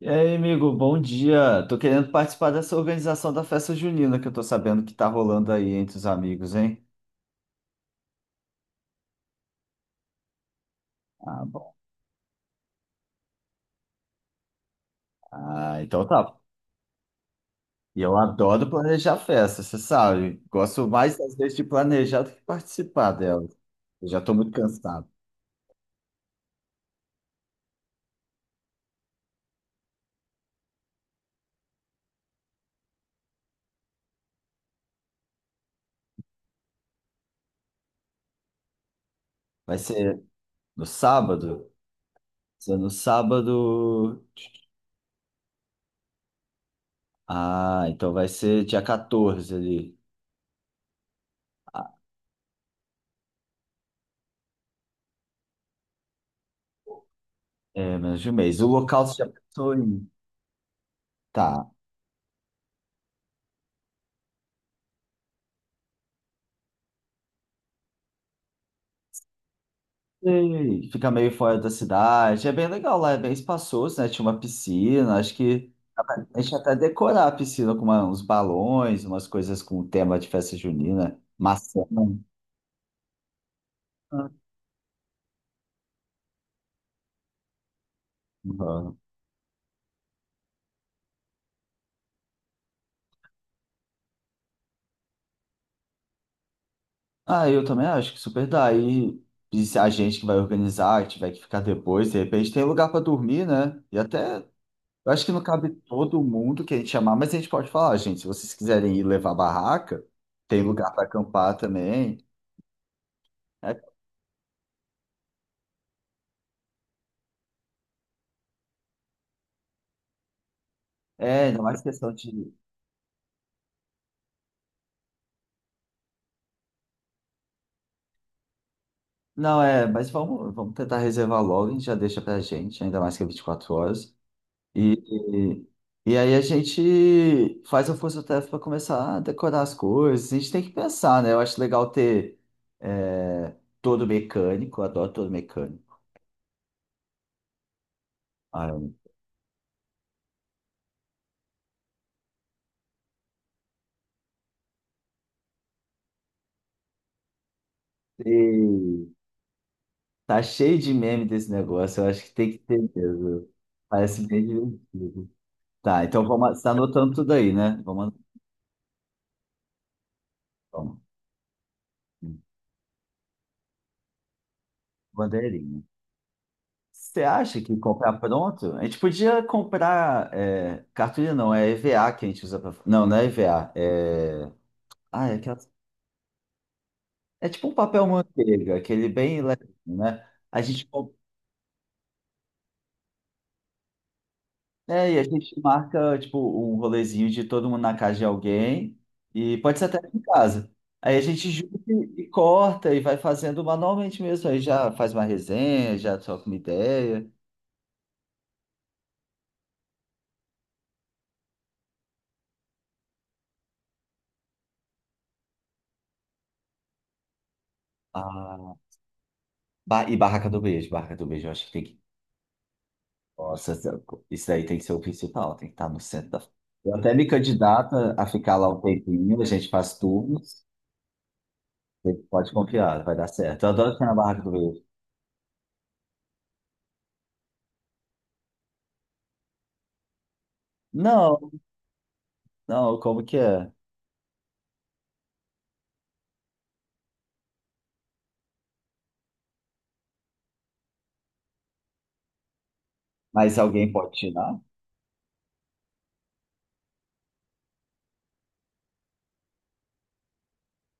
E aí, amigo, bom dia. Tô querendo participar dessa organização da festa junina que eu tô sabendo que tá rolando aí entre os amigos, hein? Ah, bom. Ah, então tá. E eu adoro planejar festa, você sabe. Gosto mais, às vezes, de planejar do que participar dela. Eu já tô muito cansado. Vai ser no sábado? Se é no sábado. Ah, então vai ser dia 14 ali. Ah, é, menos de um mês. O local você já pensou em. Tá. E fica meio fora da cidade. É bem legal lá, é bem espaçoso, né? Tinha uma piscina, acho que a gente ia até decorar a piscina com uns balões, umas coisas com tema de festa junina, maçã. Uhum. Ah, eu também acho que super dá. E se a gente que vai organizar, que tiver que ficar depois, de repente tem lugar para dormir, né? E até, eu acho que não cabe todo mundo que a gente chamar, mas a gente pode falar, gente, se vocês quiserem ir levar barraca, tem lugar para acampar também. É, é, ainda mais questão de. Não, é, mas vamos, vamos tentar reservar logo, a gente já deixa pra gente, ainda mais que é 24 horas. E, e aí a gente faz a força-tarefa para começar a decorar as coisas. A gente tem que pensar, né? Eu acho legal ter é, todo mecânico, eu adoro todo mecânico. Ah, eu não sei. Tá cheio de meme desse negócio, eu acho que tem que ter mesmo. Parece bem divertido. Tá, então vamos, você tá anotando tudo aí, né? Vamos, vamos. Bandeirinha. Você acha que comprar pronto? A gente podia comprar é, cartolina, não, é EVA que a gente usa para. Não, não é EVA. É... Ah, é, aquela... É tipo um papel manteiga, aquele bem leve, né? A gente... é, e a gente marca tipo um rolezinho de todo mundo na casa de alguém, e pode ser até em casa. Aí a gente junta e corta e vai fazendo manualmente mesmo. Aí já faz uma resenha, já troca uma ideia. Ah, e barraca do beijo, eu acho que tem que. Nossa, isso daí tem que ser o principal, tem que estar no centro da. Eu até me candidato a ficar lá um tempinho, a gente faz turnos, você pode confiar, vai dar certo. Eu adoro ficar na barraca do beijo. Não, não, como que é? Mas alguém pode tirar?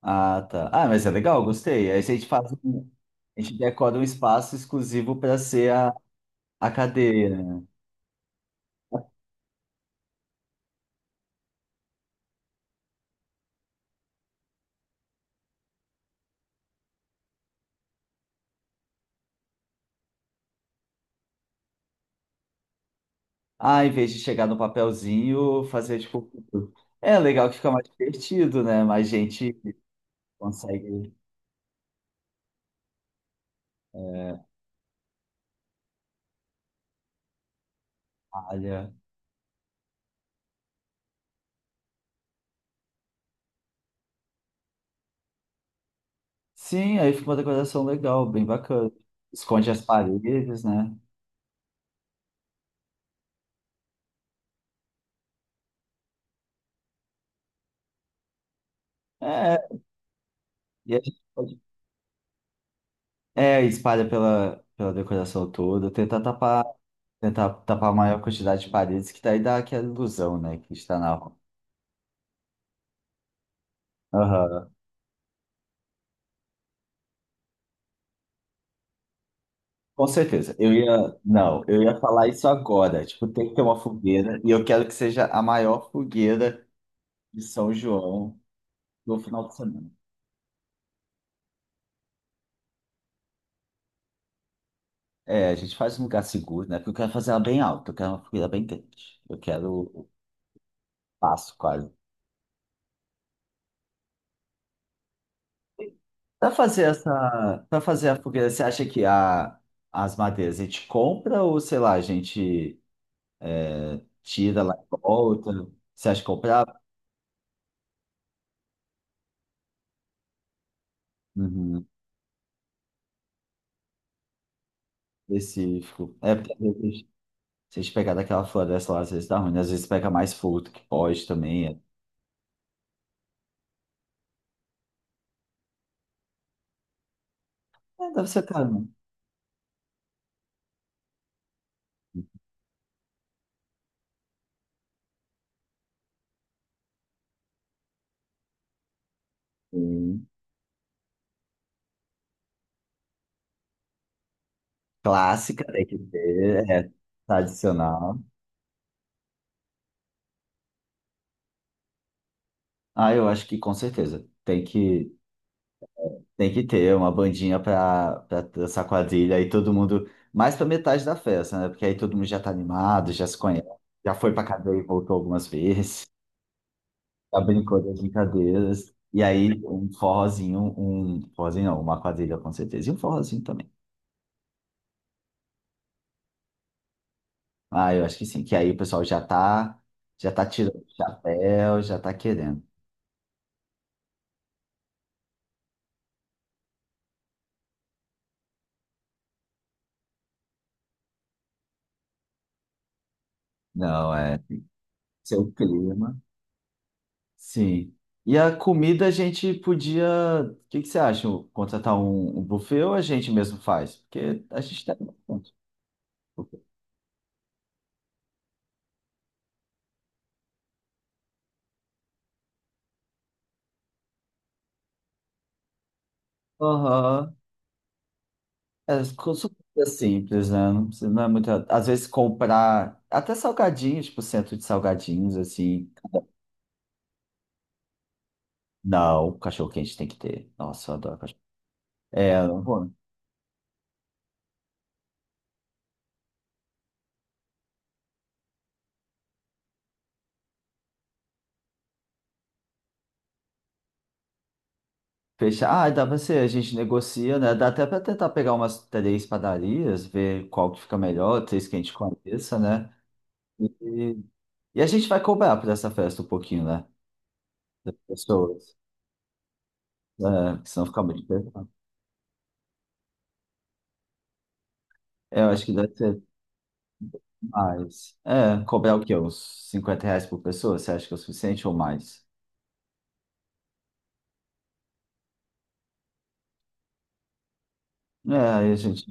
Ah, tá. Ah, mas é legal, gostei. Aí a gente faz, a gente decora um espaço exclusivo para ser a cadeira. Ah, em vez de chegar no papelzinho, fazer tipo. É legal que fica mais divertido, né? Mais gente consegue. Olha. Sim, aí fica uma decoração legal, bem bacana. Esconde as paredes, né? É, e a gente pode... É, espalha pela decoração toda, tentar tapar a maior quantidade de paredes, que daí dá aquela ilusão, né? Que está na rua. Aham. Com certeza. Eu ia. Não, eu ia falar isso agora. Tipo, tem que ter uma fogueira. E eu quero que seja a maior fogueira de São João no final de semana. É, a gente faz um lugar seguro, né? Porque eu quero fazer ela bem alta, eu quero uma fogueira bem grande. Eu quero o passo quase. Para fazer essa, para fazer a fogueira, você acha que as madeiras a gente compra ou, sei lá, a gente tira lá e volta? Você acha que comprar? Uhum, específico. É, porque às vezes, se a gente pegar daquela floresta lá, às vezes dá ruim, né? Às vezes pega mais fogo do que pode também. É, é, deve ser caro. Sim. Clássica, tem que ter, é tradicional. Ah, eu acho que com certeza. Tem que ter uma bandinha pra, pra dançar quadrilha aí todo mundo, mais pra metade da festa, né? Porque aí todo mundo já tá animado, já se conhece, já foi pra cadeia e voltou algumas vezes, já brincou das brincadeiras. E aí um forrozinho não, uma quadrilha com certeza, e um forrozinho também. Ah, eu acho que sim, que aí o pessoal já tá tirando o chapéu, já tá querendo. Não, é, tem que ser o clima. Sim. E a comida a gente podia. O que que você acha? Contratar um buffet ou a gente mesmo faz? Porque a gente tem bastante. Aham. Super simples, né? Não é muita. Às vezes comprar até salgadinhos, tipo centro de salgadinhos, assim. Não, cachorro quente tem que ter. Nossa, eu adoro cachorro. É, eu não vou. Fechar. Ah, dá pra ser, a gente negocia, né? Dá até pra tentar pegar umas três padarias, ver qual que fica melhor, três que a gente conheça, né? E a gente vai cobrar por essa festa um pouquinho, né? Das pessoas. É, porque senão fica muito pesado. É, eu acho que deve ser mais. É, cobrar o quê? Uns R$ 50 por pessoa? Você acha que é o suficiente ou mais? É, aí a gente,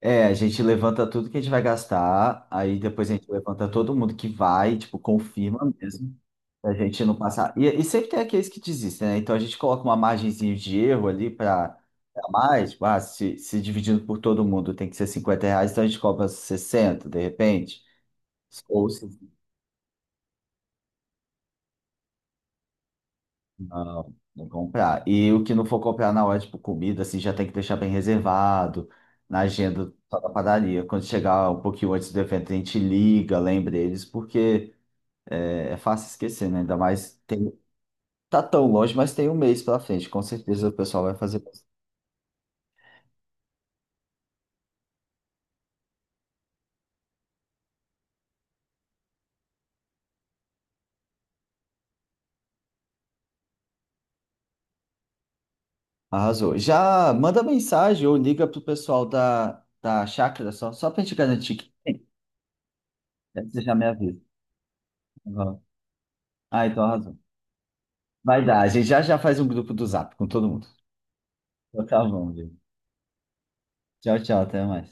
é, a gente levanta tudo que a gente vai gastar, aí depois a gente levanta todo mundo que vai, tipo, confirma mesmo, pra gente não passar. E sempre tem aqueles que desistem, né? Então a gente coloca uma margenzinha de erro ali pra, pra mais, tipo, ah, se dividindo por todo mundo tem que ser R$ 50, então a gente cobra 60 de repente. Ou se não, não comprar. E o que não for comprar na hora, tipo, comida, assim, já tem que deixar bem reservado na agenda só da padaria. Quando chegar um pouquinho antes do evento, a gente liga, lembra eles, porque é fácil esquecer, né? Ainda mais tem, tá tão longe, mas tem um mês pra frente. Com certeza o pessoal vai fazer. Arrasou. Já manda mensagem ou liga pro pessoal da chácara só, só pra gente garantir que tem. Né? Você já me avisa. Uhum. Ah, então arrasou. Vai dar. A gente já já faz um grupo do Zap com todo mundo. Então tá bom, gente. Tchau, tchau, até mais.